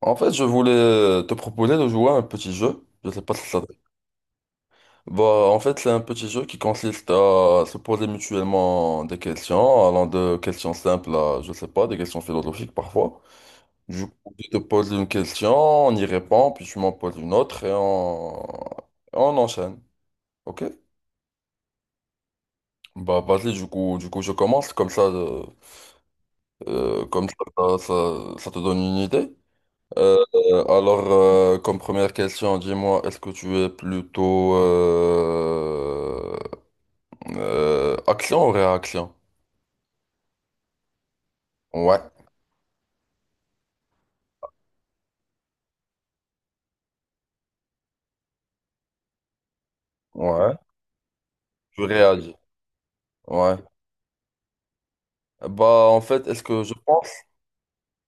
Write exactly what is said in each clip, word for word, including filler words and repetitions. En fait, je voulais te proposer de jouer à un petit jeu. Je sais pas si ça. te- Bah, en fait, c'est un petit jeu qui consiste à se poser mutuellement des questions, allant de questions simples à, je sais pas, des questions philosophiques parfois. Du coup, je te pose une question, on y répond, puis tu m'en poses une autre et on, on enchaîne. Ok? Bah, vas-y, du coup, du coup, je commence comme ça, euh, euh, comme ça, ça, ça ça te donne une idée. Euh, alors, euh, comme première question, dis-moi, est-ce que tu es plutôt euh, euh, action ou réaction? Ouais, ouais. Tu réagis. Ouais. Bah, en fait, est-ce que je pense,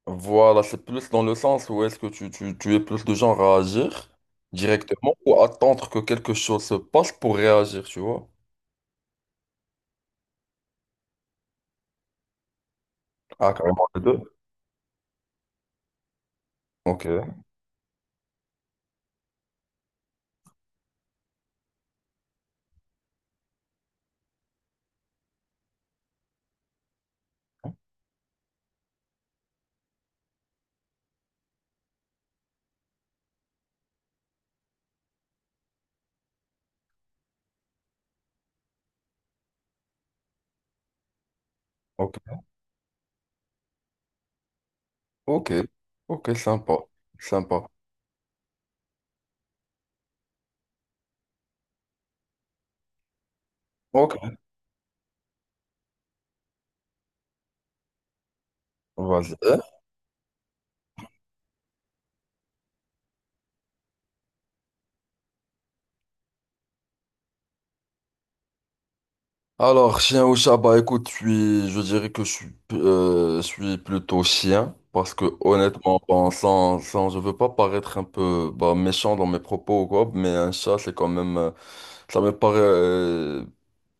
voilà, c'est plus dans le sens où est-ce que tu, tu, tu es plus de genre à agir directement ou attendre que quelque chose se passe pour réagir, tu vois? Ah, carrément les deux. Ok, ok, ok, ok, sympa, sympa. Ok, vas-y. Alors, chien ou chat, bah écoute, je suis, je dirais que je suis, euh, je suis plutôt chien, parce que honnêtement, bon, sans, sans, je veux pas paraître un peu bah, méchant dans mes propos ou quoi, mais un chat, c'est quand même, euh, ça me paraît euh,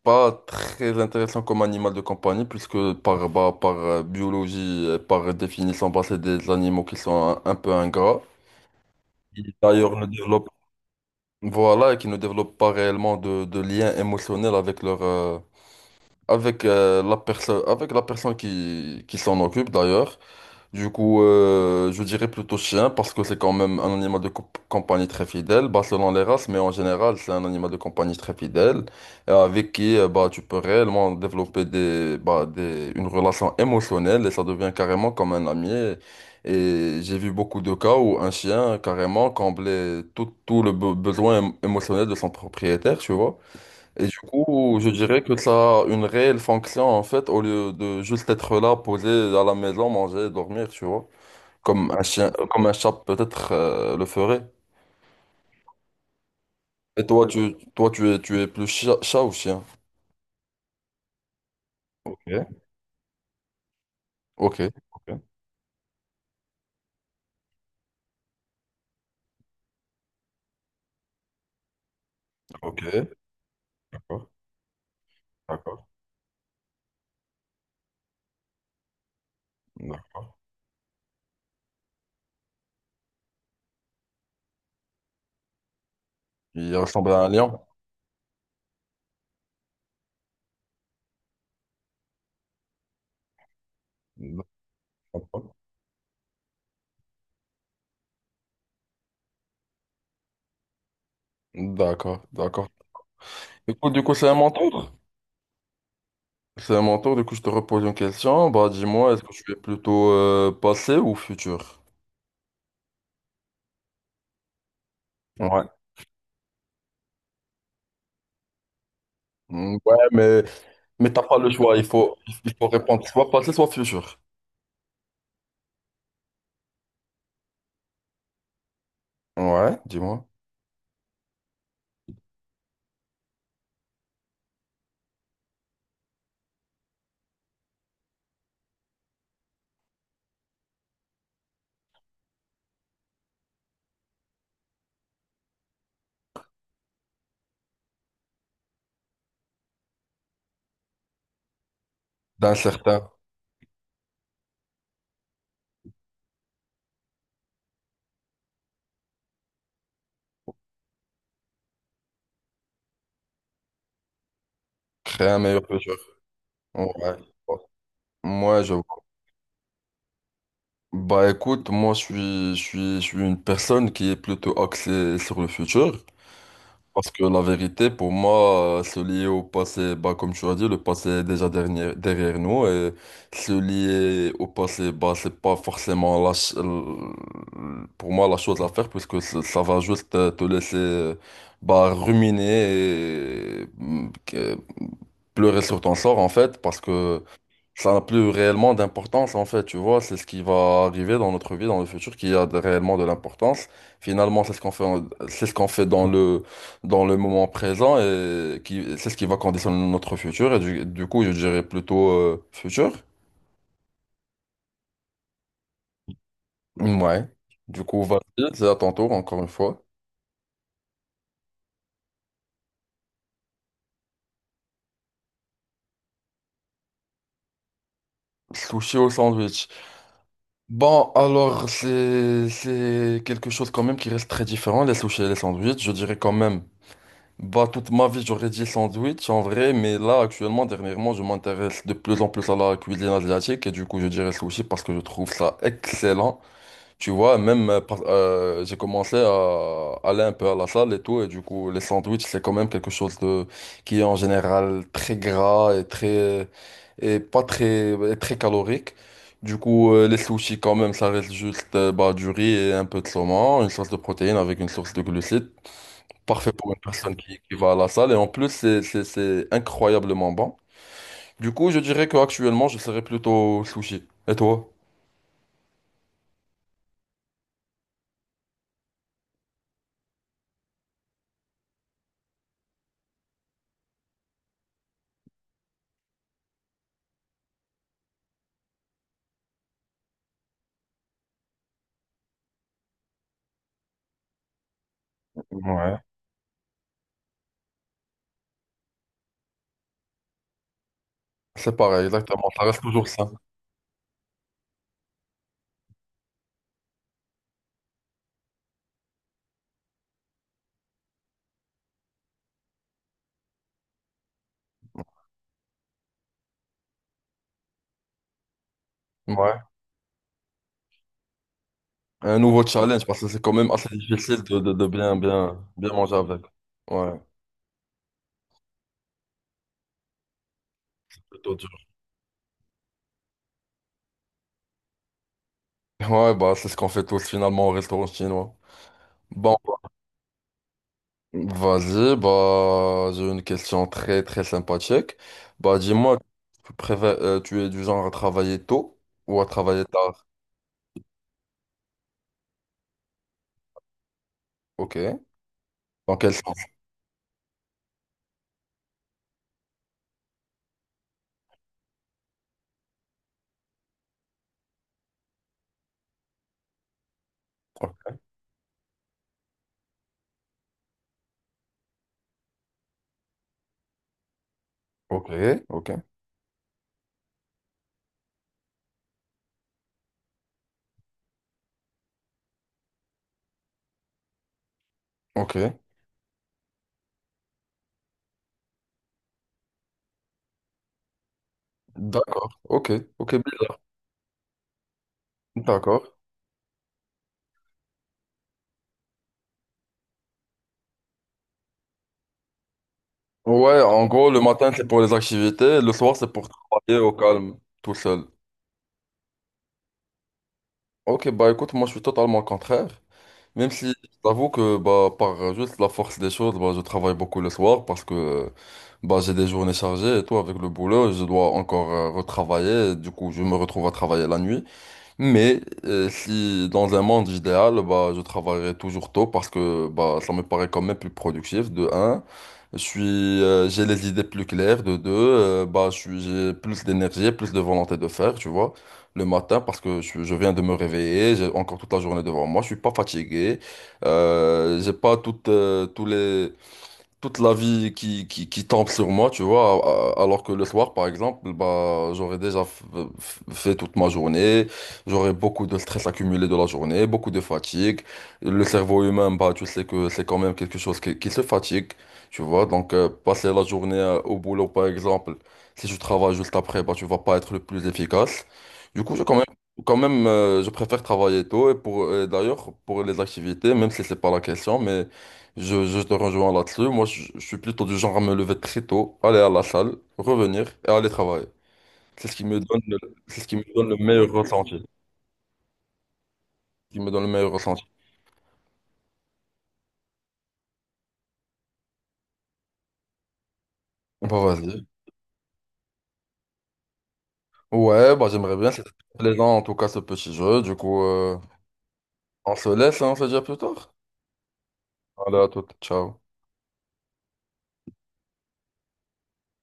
pas très intéressant comme animal de compagnie, puisque par, bah, par euh, biologie, et par définition, bah, c'est des animaux qui sont un, un peu ingrats. Ils, D'ailleurs, ne développent, voilà, et qui ne développent pas réellement de, de lien émotionnel avec leur, euh, avec euh, la personne avec la personne qui, qui s'en occupe d'ailleurs. Du coup, euh, je dirais plutôt chien parce que c'est quand même un animal de comp- compagnie très fidèle, bah, selon les races, mais en général, c'est un animal de compagnie très fidèle et avec qui euh, bah, tu peux réellement développer des, bah, des, une relation émotionnelle et ça devient carrément comme un ami. Et et j'ai vu beaucoup de cas où un chien carrément comblait tout, tout le be- besoin émo- émotionnel de son propriétaire, tu vois. Et du coup, je dirais que ça a une réelle fonction en fait, au lieu de juste être là, posé à la maison, manger, dormir, tu vois, comme un chien, euh, comme un chat peut-être euh, le ferait. Et toi, tu, toi, tu es, tu es plus chat, chat ou chien? Ok, Ok, ok, ok. D'accord, d'accord, d'accord. Il ressemble à un lion. Je D'accord, d'accord. Du coup, du coup, c'est à mon tour. C'est à mon tour. Du coup, je te repose une question. Bah, dis-moi, est-ce que tu es plutôt euh, passé ou futur? Ouais. Mm, Ouais, mais Mais t'as pas le choix, il faut, il faut répondre soit passé, soit futur. Ouais, dis-moi. D'un certain, créer un meilleur futur. Ouais. Moi, je vois. Bah écoute, moi je suis, je suis, je suis une personne qui est plutôt axée sur le futur. Parce que la vérité, pour moi, euh, se lier au passé, bah, comme tu as dit, le passé est déjà dernier- derrière nous. Et se lier au passé, bah, c'est pas forcément la ch- l- pour moi la chose à faire, puisque ça ça va juste euh, te laisser euh, bah, ruminer et mm, que- pleurer sur ton sort, en fait, parce que ça n'a plus réellement d'importance en fait, tu vois, c'est ce qui va arriver dans notre vie, dans le futur, qui a de- réellement de l'importance. Finalement, c'est ce qu'on fait, en- c'est ce qu'on fait dans le, dans le moment présent et qui, c'est ce qui va conditionner notre futur. Et du, du coup, je dirais plutôt euh, futur. Ouais. Du coup, vas-y, c'est à ton tour, encore une fois. Sushi au sandwich. Bon, alors, c'est, c'est quelque chose quand même qui reste très différent, les sushis et les sandwichs. Je dirais quand même. Bah, toute ma vie, j'aurais dit sandwich en vrai, mais là, actuellement, dernièrement, je m'intéresse de plus en plus à la cuisine asiatique et du coup, je dirais sushi parce que je trouve ça excellent. Tu vois, même euh, par- euh, j'ai commencé à aller un peu à la salle et tout, et du coup, les sandwichs, c'est quand même quelque chose de qui est en général très gras et très et pas très et très calorique. Du coup, euh, les sushis, quand même, ça reste juste euh, bah, du riz et un peu de saumon, une source de protéines avec une source de glucides. Parfait pour une personne qui, qui va à la salle. Et en plus, c'est, c'est, c'est incroyablement bon. Du coup, je dirais qu'actuellement, je serais plutôt sushi. Et toi? Ouais. C'est pareil, exactement. Ça reste toujours ça. Ouais. Un nouveau challenge parce que c'est quand même assez difficile de, de, de bien, bien, bien manger avec. Ouais. Plutôt dur. Ouais, bah, c'est ce qu'on fait tous finalement au restaurant chinois. Bon, vas-y, bah, j'ai une question très, très sympathique. Bah, dis-moi, tu préfères, euh, tu es du genre à travailler tôt ou à travailler tard? Ok. Dans quel sens? Ok, ok, ok. D'accord, ok, ok, d'accord. Ouais, en gros, le matin, c'est pour les activités, le soir, c'est pour travailler au calme, tout seul. Ok, bah écoute, moi, je suis totalement contraire. Même si, j'avoue que, bah, par juste la force des choses, bah, je travaille beaucoup le soir parce que, bah, j'ai des journées chargées et tout, avec le boulot, je dois encore euh, retravailler. Du coup, je me retrouve à travailler la nuit. Mais euh, si dans un monde idéal, bah, je travaillerai toujours tôt parce que bah, ça me paraît quand même plus productif, de un. Je suis, euh, j'ai les idées plus claires, de deux. euh, bah, je suis, j'ai plus d'énergie, plus de volonté de faire, tu vois, le matin parce que je, je viens de me réveiller, j'ai encore toute la journée devant moi, je suis pas fatigué, euh, j'ai pas toutes, euh, tous les toute la vie qui, qui, qui tombe sur moi, tu vois, a- a- alors que le soir, par exemple, bah, j'aurais déjà f- f- fait toute ma journée, j'aurais beaucoup de stress accumulé de la journée, beaucoup de fatigue. Le cerveau humain, bah, tu sais que c'est quand même quelque chose qui, qui se fatigue, tu vois, donc euh, passer la journée euh, au boulot, par exemple, si tu travailles juste après, bah, tu vas pas être le plus efficace. Du coup, je quand même... Quand même, euh, je préfère travailler tôt et pour et d'ailleurs pour les activités, même si c'est pas la question, mais je, je te rejoins là-dessus. Moi, je, je suis plutôt du genre à me lever très tôt, aller à la salle, revenir et aller travailler. C'est ce qui me donne le, c'est ce qui me donne le meilleur ressenti. Ce qui me donne le meilleur ressenti. Bah, vas-y. Ouais, bah, j'aimerais bien. C'était plaisant, en tout cas, ce petit jeu. Du coup, euh, on se laisse, hein, on se dit à plus tard. Allez, à toute. Ciao.